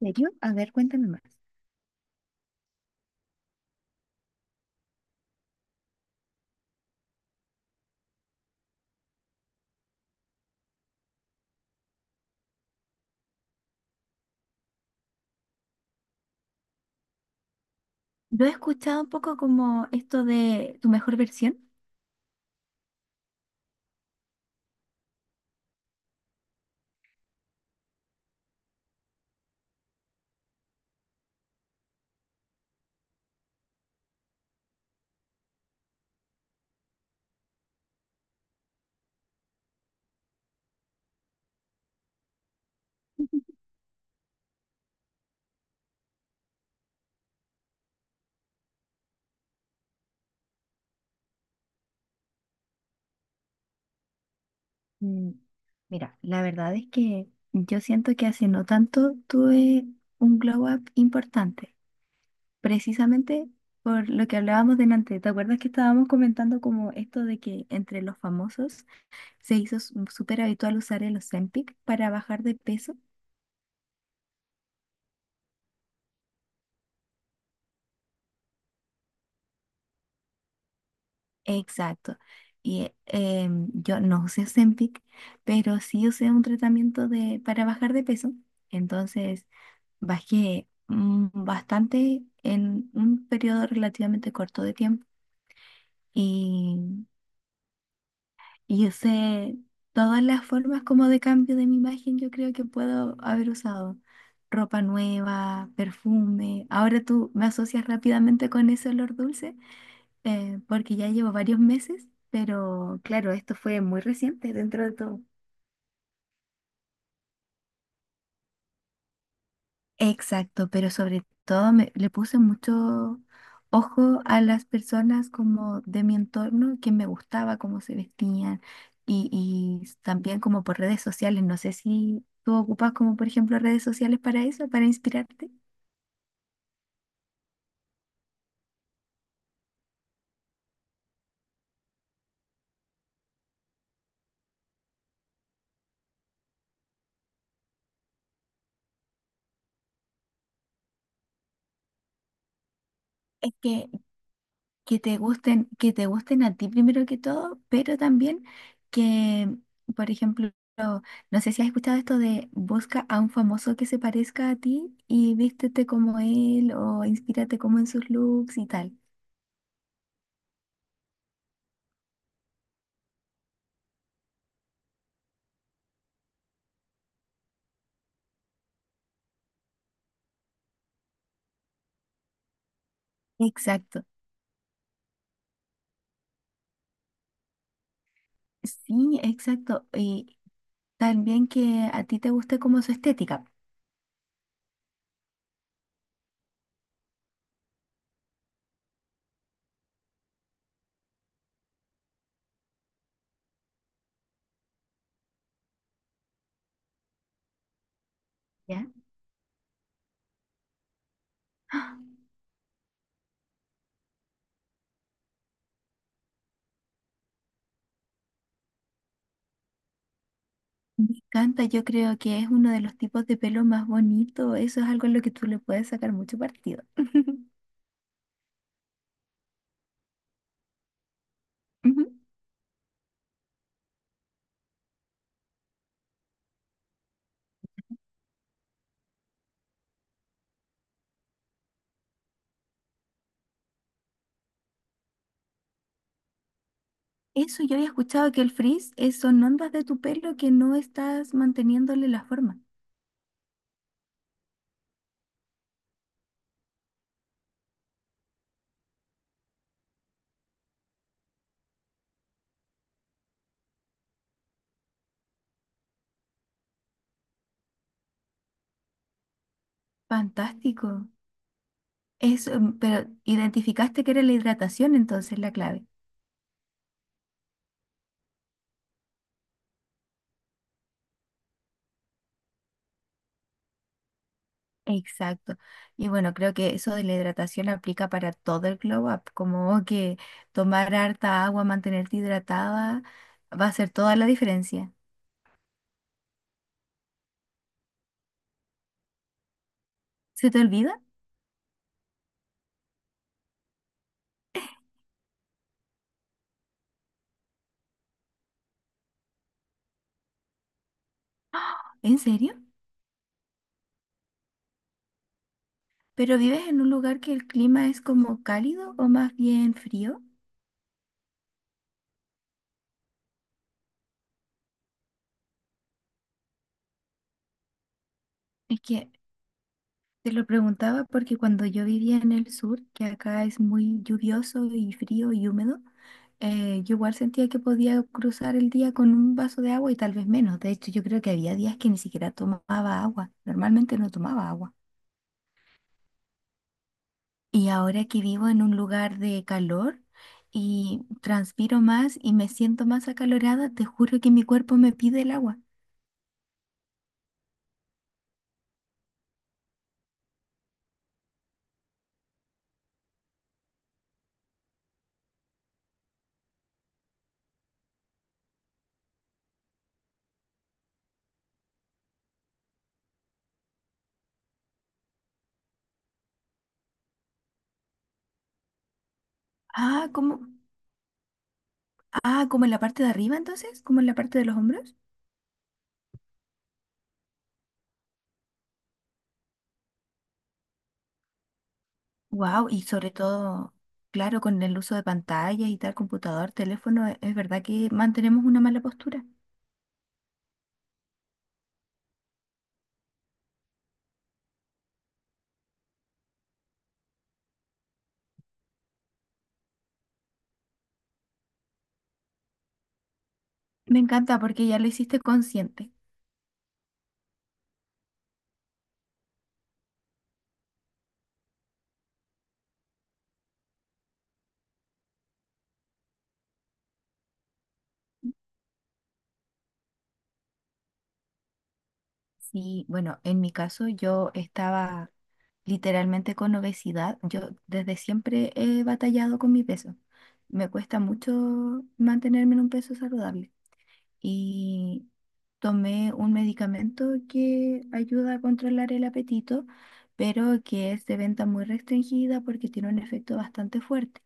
¿En serio? A ver, cuéntame más. Yo he escuchado un poco como esto de tu mejor versión. Mm, Mira, la verdad es que yo siento que hace no tanto tuve un glow up importante, precisamente por lo que hablábamos delante. ¿Te acuerdas que estábamos comentando como esto de que entre los famosos se hizo súper habitual usar el Ozempic para bajar de peso? Exacto. Y yo no usé Ozempic, pero sí usé un tratamiento de, para bajar de peso. Entonces bajé bastante en un periodo relativamente corto de tiempo. Y, y usé todas las formas como de cambio de mi imagen, yo creo que puedo haber usado. Ropa nueva, perfume. Ahora tú me asocias rápidamente con ese olor dulce, porque ya llevo varios meses, pero claro, esto fue muy reciente dentro de todo. Exacto, pero sobre todo le puse mucho ojo a las personas como de mi entorno, que me gustaba cómo se vestían y también como por redes sociales. No sé si tú ocupas como por ejemplo redes sociales para eso, para inspirarte. Es que que te gusten a ti primero que todo, pero también que, por ejemplo, no sé si has escuchado esto de busca a un famoso que se parezca a ti y vístete como él o inspírate como en sus looks y tal. Exacto. Sí, exacto. Y también que a ti te guste como su estética, ¿ya? ¡Ah! Me encanta, yo creo que es uno de los tipos de pelo más bonito. Eso es algo en lo que tú le puedes sacar mucho partido. Ujú. Eso yo había escuchado que el son ondas de tu pelo que no estás manteniéndole la forma. Fantástico. Eso, pero identificaste que era la hidratación entonces la clave. Exacto. Y bueno, creo que eso de la hidratación aplica para todo el glow up, como que tomar harta agua, mantenerte hidratada, va a hacer toda la diferencia. ¿Se te olvida? ¿En serio? ¿Pero vives en un lugar que el clima es como cálido o más bien frío? Es que Te lo preguntaba porque cuando yo vivía en el sur, que acá es muy lluvioso y frío y húmedo, yo igual sentía que podía cruzar el día con un vaso de agua y tal vez menos. De hecho, yo creo que había días que ni siquiera tomaba agua. Normalmente no tomaba agua. Y ahora que vivo en un lugar de calor y transpiro más y me siento más acalorada, te juro que mi cuerpo me pide el agua. Ah, como, ah, como en la parte de arriba entonces, como en la parte de los hombros. Wow, y sobre todo, claro, con el uso de pantallas y tal, computador, teléfono, es verdad que mantenemos una mala postura. Me encanta porque ya lo hiciste consciente. Sí, bueno, en mi caso yo estaba literalmente con obesidad. Yo desde siempre he batallado con mi peso. Me cuesta mucho mantenerme en un peso saludable. Y tomé un medicamento que ayuda a controlar el apetito, pero que es de venta muy restringida porque tiene un efecto bastante fuerte.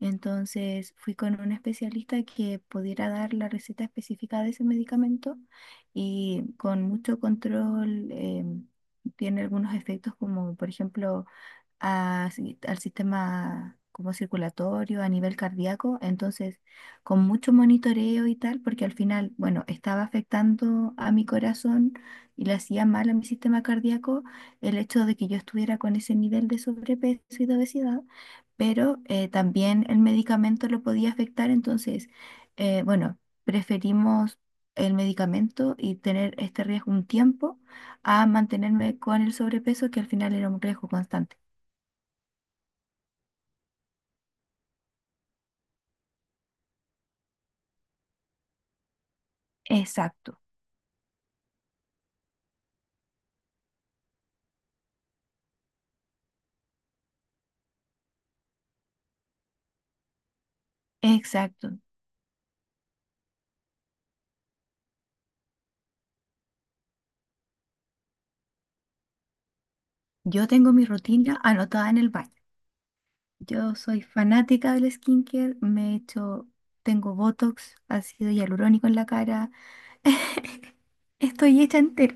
Entonces fui con un especialista que pudiera dar la receta específica de ese medicamento y con mucho control tiene algunos efectos como por ejemplo a si- al sistema como circulatorio, a nivel cardíaco, entonces con mucho monitoreo y tal, porque al final, bueno, estaba afectando a mi corazón y le hacía mal a mi sistema cardíaco el hecho de que yo estuviera con ese nivel de sobrepeso y de obesidad, pero también el medicamento lo podía afectar, entonces, bueno, preferimos el medicamento y tener este riesgo un tiempo a mantenerme con el sobrepeso que al final era un riesgo constante. Exacto, exacto. Yo tengo mi rutina anotada en el baño. Yo soy fanática del skincare, tengo Botox, ácido hialurónico en la cara. Estoy hecha entera.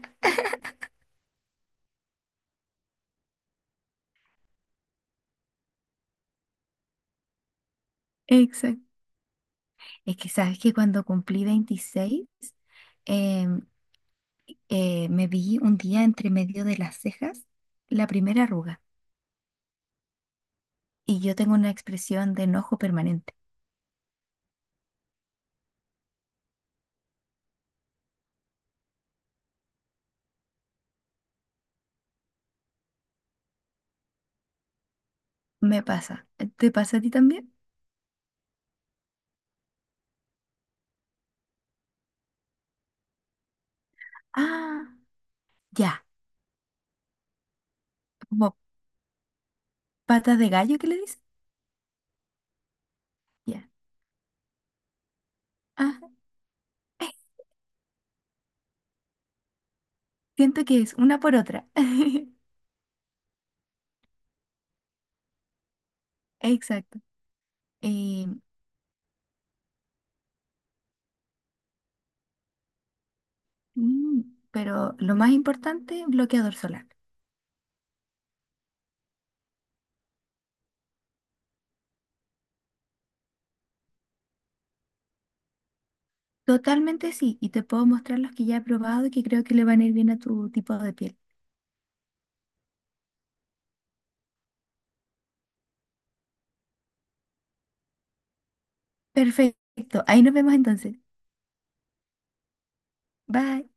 Exacto. Es que sabes que cuando cumplí 26 em, me vi un día entre medio de las cejas la primera arruga y yo tengo una expresión de enojo permanente. Me pasa. ¿Te pasa a ti también? Ah, ya. Como patas de gallo, ¿qué le dicen? Ya. Ah, siento que es una por otra. Exacto. Eh, mm, pero lo más importante, bloqueador solar. Totalmente sí, y te puedo mostrar los que ya he probado y que creo que le van a ir bien a tu tipo de piel. Perfecto, ahí nos vemos entonces. Bye.